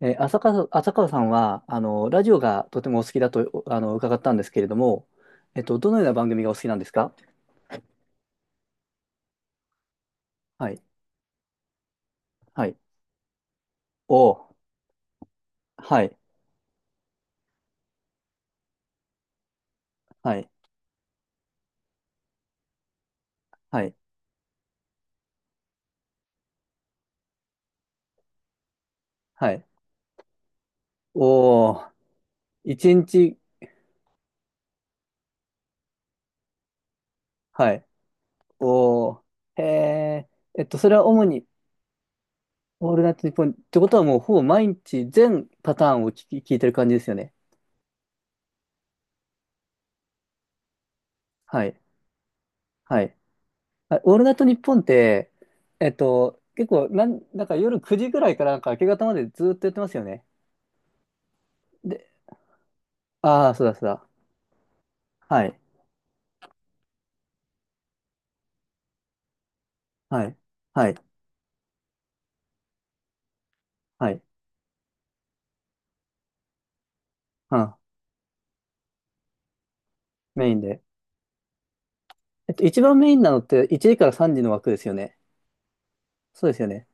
浅川さんは、ラジオがとてもお好きだと、伺ったんですけれども、どのような番組がお好きなんですか？はい。はい。おー。はい。はい。はい。はい。おー。一日。はい。おー。へえ。それは主に、オールナイトニッポン、ってことはもう、ほぼ毎日全パターンを聞いてる感じですよね。はい。はい。オールナイトニッポンって、結構、なんか夜9時ぐらいからなんか明け方までずっとやってますよね。で、ああ、そうだそうだ。はい。はい。はい。はい。うん。メインで。一番メインなのって1時から3時の枠ですよね。そうですよね。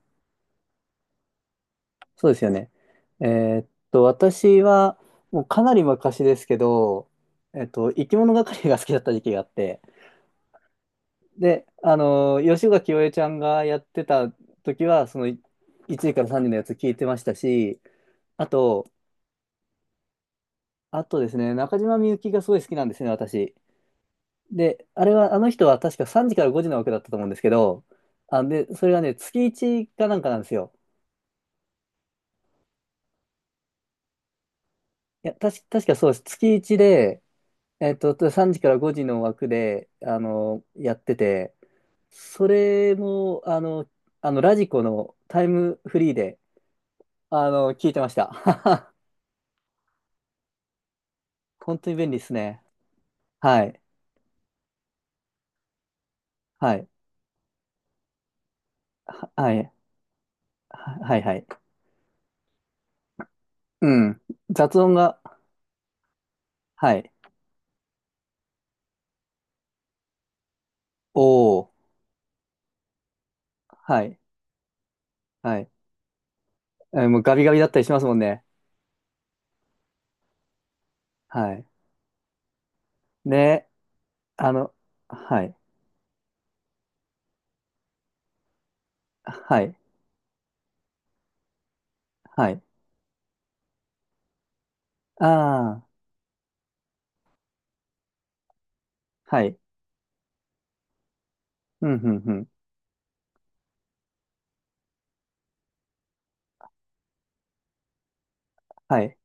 そうですよね。え私は、もうかなり昔ですけど、生き物係が好きだった時期があって、で、吉岡清江ちゃんがやってた時は、その1時から3時のやつ聞いてましたし、あと、あとですね、中島みゆきがすごい好きなんですね、私。で、あれは、あの人は確か3時から5時の枠だったと思うんですけど、あ、で、それがね、月1かなんかなんですよ。いや、確かそうです。月1で、3時から5時の枠で、やってて、それも、ラジコのタイムフリーで、聞いてました。本当に便利ですね。はい。はい。ははい。ははい。はい。うん。雑音が、はい。おー。はい。はい。もうガビガビだったりしますもんね。はい。で、あの、はい、はい、はい。ああ、はい。うん、うん、うん。はい。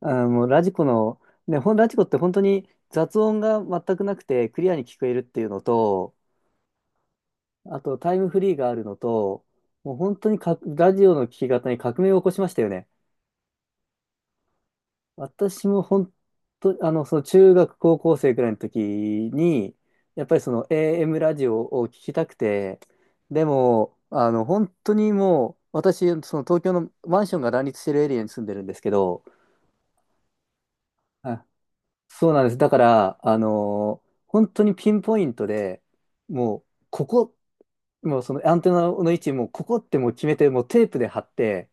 あー、もうラジコの、ね、ラジコって本当に雑音が全くなくてクリアに聞こえるっていうのと、あとタイムフリーがあるのと、もう本当にか、ラジオの聞き方に革命を起こしましたよね。私も本当、その中学、高校生くらいの時に、やっぱりその AM ラジオを聞きたくて、でも、本当にもう、私、その東京のマンションが乱立してるエリアに住んでるんですけど、あ、そうなんです。だから、本当にピンポイントで、もう、ここ、もうそのアンテナの位置、もうここってもう決めて、もうテープで貼って、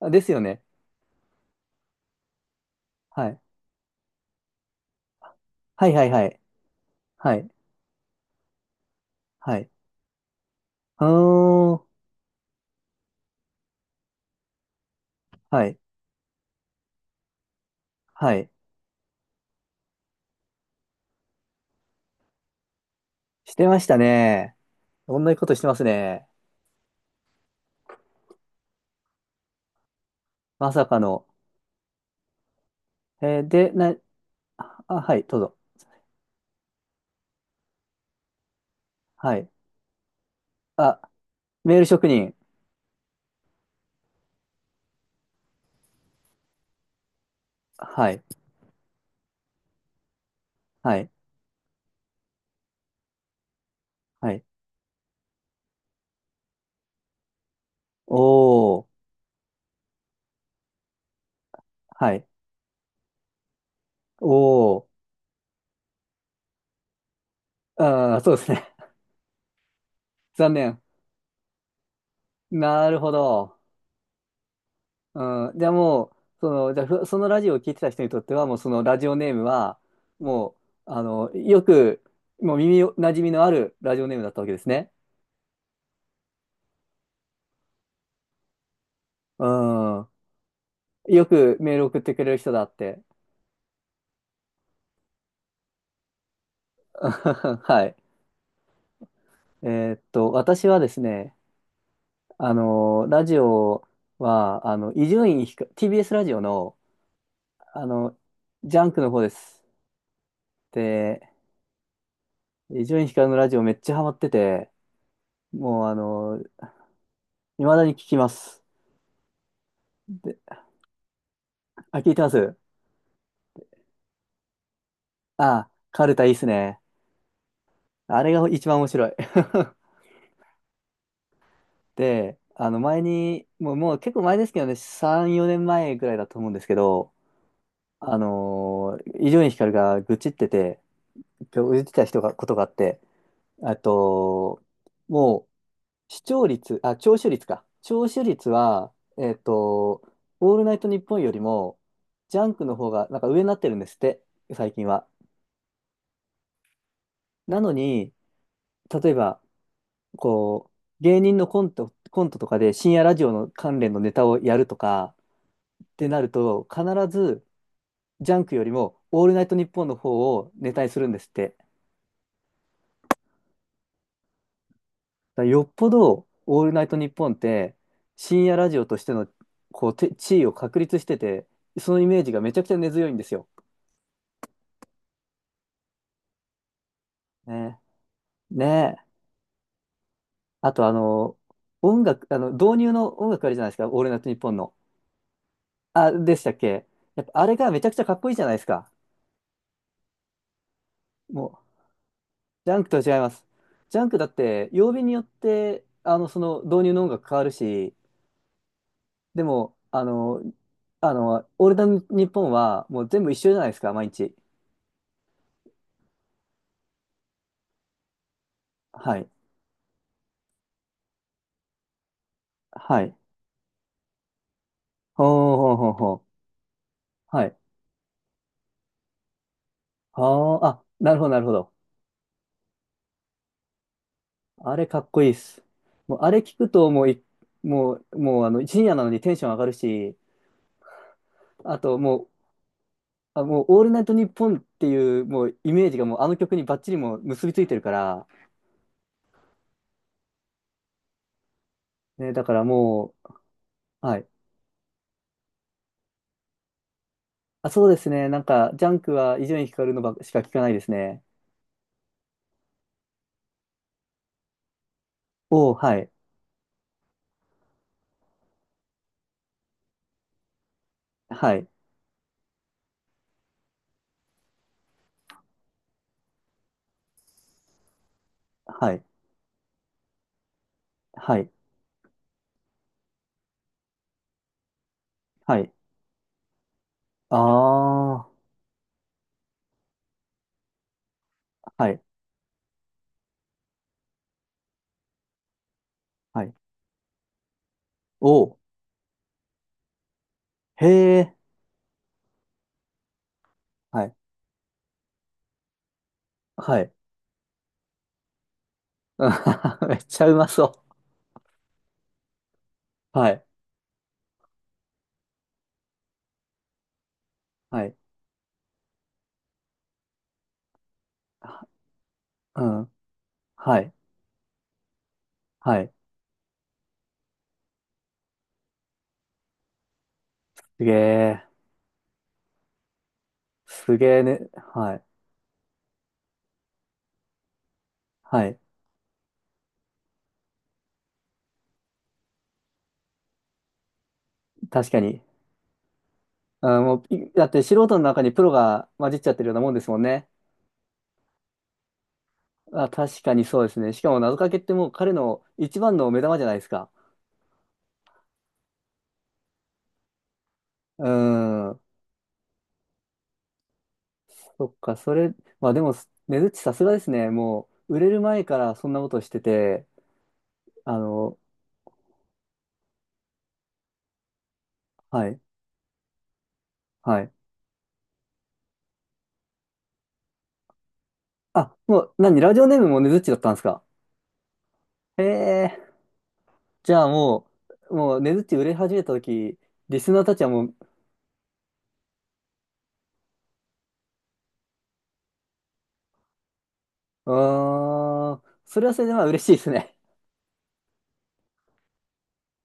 あですよね。はい。はいはいはい。はい。はい。あのはい。はい。してましたね。同じことしてますね。まさかの。で、あ、はい、どうぞ。はい。あ、メール職人。はい、はい、はい。おー、はい、おー。あー、そうですね。残念。なるほど。うん、じゃあもう、その、じゃあふそのラジオを聞いてた人にとっては、もうそのラジオネームは、もう、よく、もう耳馴染みのあるラジオネームだったわけですね。うん。よくメール送ってくれる人だって。はい。私はですね、ラジオは、伊集院光、TBS ラジオの、あの、ジャンクの方です。で、伊集院光のラジオめっちゃハマってて、もう、未だに聞きます。で、あ、聞いてますあ、カルタいいっすね。あれが一番面白い。で、前に、もう結構前ですけどね、3、4年前ぐらいだと思うんですけど、伊集院光が愚痴ってて、今日言ってた人が、ことがあって、あと、もう、視聴率、あ、聴取率か。聴取率は、オールナイトニッポンよりも、ジャンクの方が、なんか上になってるんですって、最近は。なのに、例えば、こう、芸人のコントとかで深夜ラジオの関連のネタをやるとかってなると、必ず、ジャンクよりも、オールナイトニッポンの方をネタにするんですって。だからよっぽど、オールナイトニッポンって、深夜ラジオとしての、地位を確立してて、そのイメージがめちゃくちゃ根強いんですよ。ね。ねえ。あと、音楽、導入の音楽あるじゃないですか、オールナイトニッポンの。あ、でしたっけやっぱ、あれがめちゃくちゃかっこいいじゃないですか。もう、ジャンクとは違います。ジャンクだって、曜日によって、その導入の音楽変わるし、でも、オールナイトニッポンは、もう全部一緒じゃないですか、毎日。はい。はい。ほうほうほうほう。はい。はあ、あ、なるほど、なるほど。あれかっこいいっす。もう、あれ聞くと、もう、もう、深夜なのにテンション上がるし、あと、もう、あ、もう、オールナイトニッポンっていう、もう、イメージがもう、あの曲にバッチリもう結びついてるから、ね、だからもう、はい。あ、そうですね。なんか、ジャンクは伊集院光のばしか聞かないですね。おー、はい。はい。はい。はい。はい。ああ、はい。はい。おー、へえ、はい。はい。うん めっちゃうまそう。はい。はい。はうん。はい。はい。すげえ。すげえね。はい。はい。確かに。あ、もう、いだって素人の中にプロが混じっちゃってるようなもんですもんね。あ、確かにそうですね。しかも謎かけってもう彼の一番の目玉じゃないですか。うーん。そっか、それ、まあでも、ねずっちさすがですね。もう、売れる前からそんなことしてて、あの、はい。はい。あ、もう、何、ラジオネームもねずっちだったんですか。へえ。じゃあもう、ねずっち売れ始めたとき、リスナーたちはもう、あー、それはそれでまあ嬉しいですね。